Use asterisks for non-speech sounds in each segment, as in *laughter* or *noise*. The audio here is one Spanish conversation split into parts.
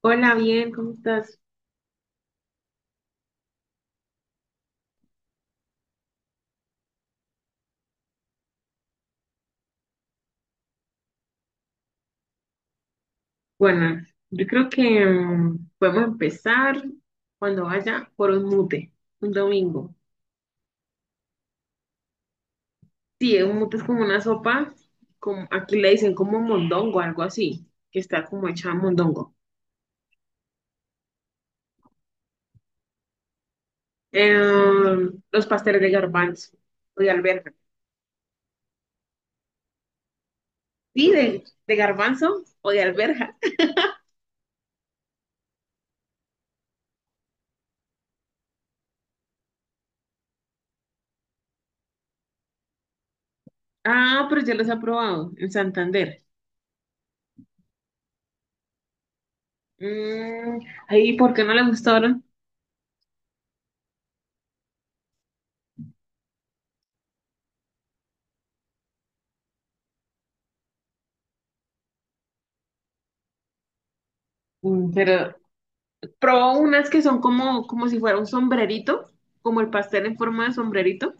Hola, bien, ¿cómo estás? Buenas. Yo creo que podemos empezar cuando vaya por un mute, un domingo. Sí, un mute es como una sopa, como, aquí le dicen como mondongo, algo así, que está como hecha a mondongo. Eh, los pasteles de garbanzo o de alberja. Sí, de garbanzo o de alberja. Ah, pero ya los he probado en Santander. Mm, Ahí, ¿por qué no le gustaron? Pero probó unas que son como si fuera un sombrerito, como el pastel en forma de sombrerito.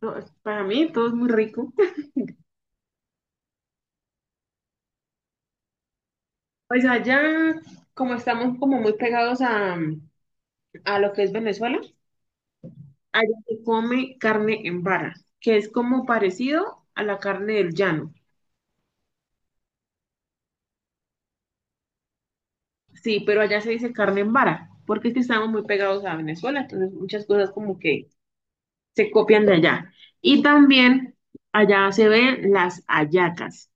No, para mí todo es muy rico. Pues allá, como estamos como muy pegados a lo que es Venezuela, allá se come carne en vara, que es como parecido a la carne del llano. Sí, pero allá se dice carne en vara, porque es que estamos muy pegados a Venezuela, entonces muchas cosas como que se copian de allá. Y también allá se ven las hallacas.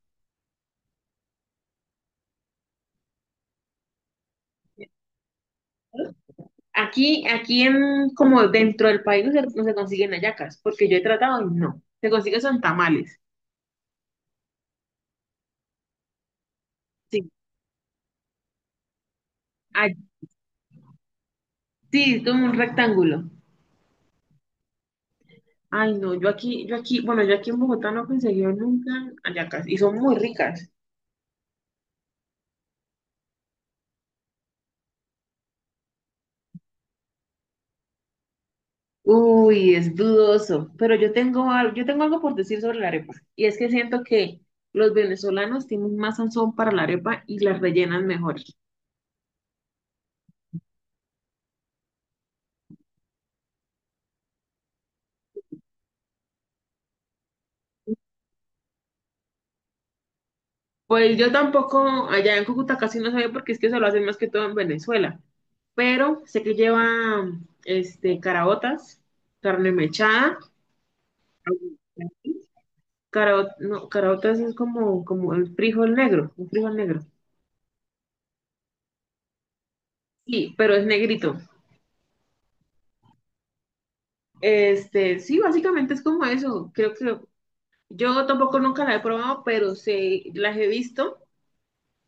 Aquí en, como dentro del país no se consiguen hallacas, porque yo he tratado y no. Se consiguen son tamales. Sí. Ah, sí, es como un rectángulo. Ay, no, bueno, yo aquí en Bogotá no he conseguido nunca hallacas y son muy ricas. Uy, es dudoso, pero yo tengo algo por decir sobre la arepa y es que siento que los venezolanos tienen más sazón para la arepa y las rellenan mejor. Pues yo tampoco, allá en Cúcuta casi no sabía porque es que eso lo hacen más que todo en Venezuela. Pero sé que lleva este, caraotas, carne mechada, no, caraotas es como, el frijol negro, un frijol negro. Sí, pero es negrito. Este, sí, básicamente es como eso. Creo que yo tampoco nunca la he probado, pero sé, las he visto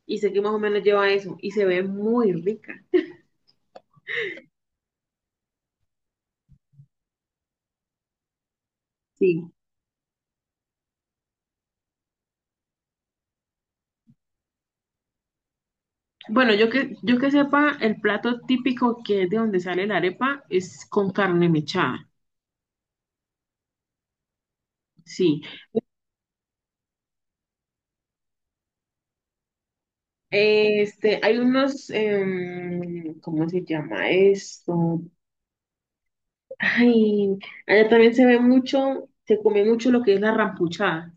y sé que más o menos lleva eso y se ve muy rica. Sí. Bueno, yo que sepa, el plato típico que es de donde sale la arepa es con carne mechada, sí. Este, hay unos, ¿cómo se llama esto? Ay, allá también se ve mucho, se come mucho lo que es la rampuchada.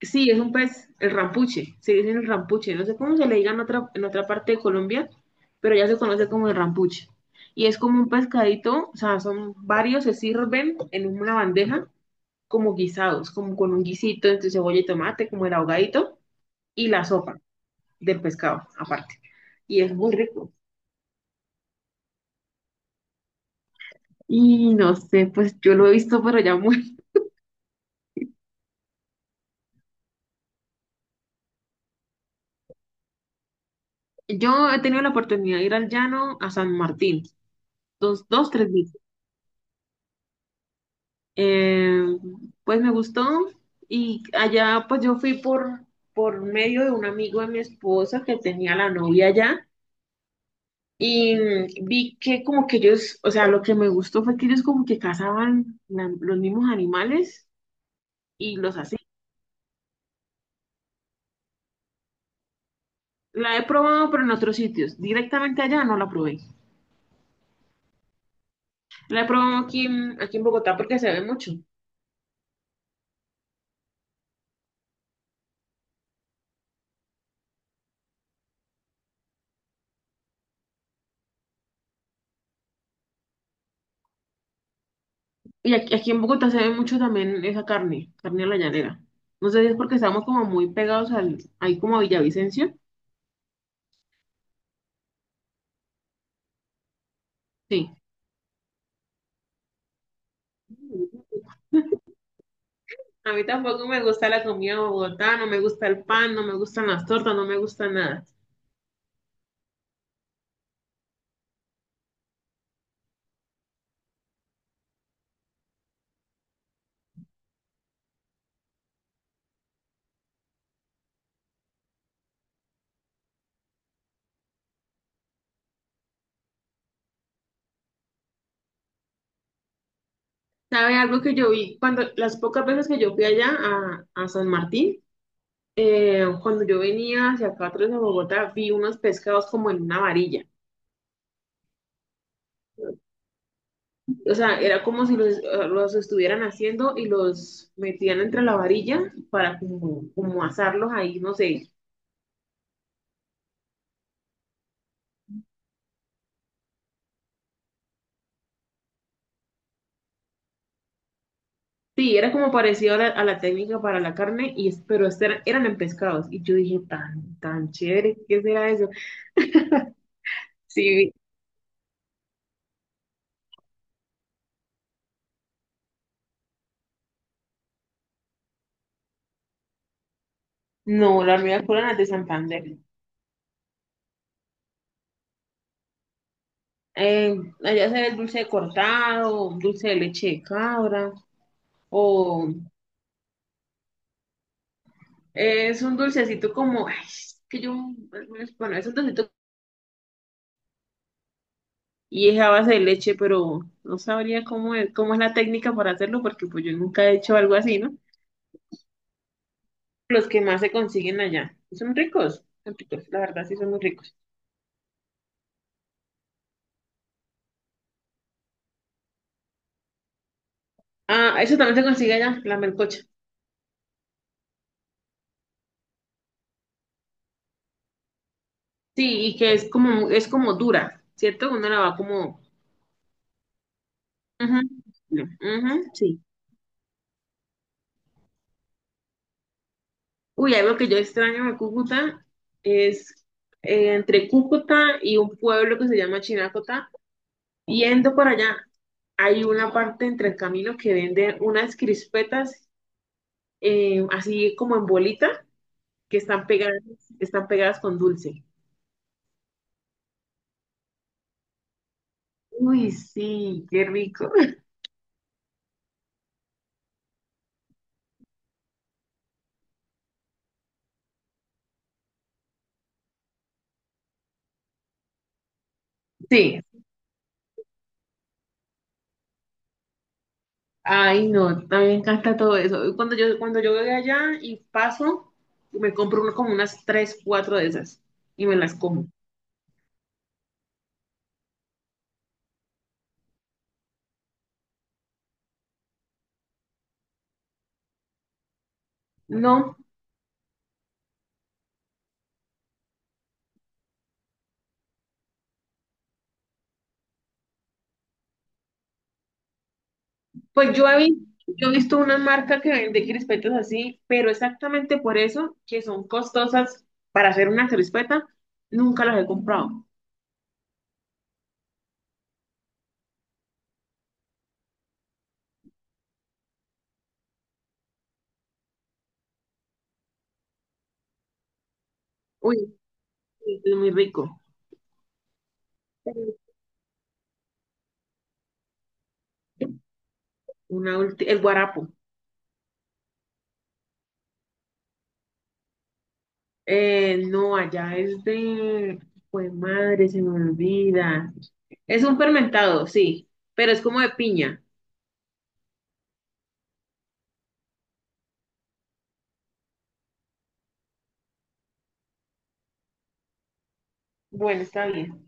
Sí, es un pez, el rampuche, se dice el rampuche, no sé cómo se le diga en otra, parte de Colombia, pero ya se conoce como el rampuche. Y es como un pescadito, o sea, son varios, se sirven en una bandeja como guisados, como con un guisito entre cebolla y tomate, como el ahogadito, y la sopa del pescado aparte. Y es muy rico. Y no sé, pues yo lo he visto pero ya muy. *laughs* Yo he tenido la oportunidad de ir al llano a San Martín, dos, dos, tres veces. Eh, pues me gustó y allá pues yo fui por, medio de un amigo de mi esposa que tenía la novia allá y vi que como que ellos, o sea, lo que me gustó fue que ellos como que cazaban los mismos animales y los así. La he probado, pero en otros sitios. Directamente allá no la probé. La he probado aquí en Bogotá porque se ve mucho. Y aquí en Bogotá se ve mucho también esa carne, carne a la llanera. No sé si es porque estamos como muy pegados ahí como a Villavicencio. Sí. A mí tampoco me gusta la comida de Bogotá, no me gusta el pan, no me gustan las tortas, no me gusta nada. ¿Sabe algo que yo vi? Cuando las pocas veces que yo fui allá a, San Martín, cuando yo venía hacia acá atrás de Bogotá, vi unos pescados como en una varilla. O sea, era como si los, los estuvieran haciendo y los metían entre la varilla para como, asarlos ahí, no sé. Sí, era como parecido a la técnica para la carne, y, pero eran en pescados. Y yo dije, tan, tan chévere, ¿qué será eso? Sí, no, la hormiga culona es de Santander. Eh, Allá se ve el dulce de cortado, dulce de leche de cabra, o es un dulcecito como, ay, es que yo, bueno, es un dulcecito y es a base de leche, pero no sabría cómo es la técnica para hacerlo, porque pues yo nunca he hecho algo así, ¿no? Los que más se consiguen allá. Son ricos, la verdad sí son muy ricos. Ah, eso también se consigue allá, la melcocha. Sí, y que es es como dura, ¿cierto? Uno la va como. Ujú, no, ujú, sí. Uy, algo que yo extraño de Cúcuta es entre Cúcuta y un pueblo que se llama Chinácota. Yendo para allá, hay una parte entre el camino que venden unas crispetas, así como en bolita, que están pegadas con dulce. Uy, sí, qué rico. Sí, ay, no, a mí me encanta todo eso. Cuando yo voy allá y paso, me compro como unas tres, cuatro de esas y me las como. No, pues yo he visto una marca que vende crispetas así, pero exactamente por eso, que son costosas para hacer una crispeta, nunca las he comprado. Uy, sí, es muy rico. Una el guarapo. No, allá es de. Pues madre, se me olvida. Es un fermentado, sí, pero es como de piña. Bueno, está bien.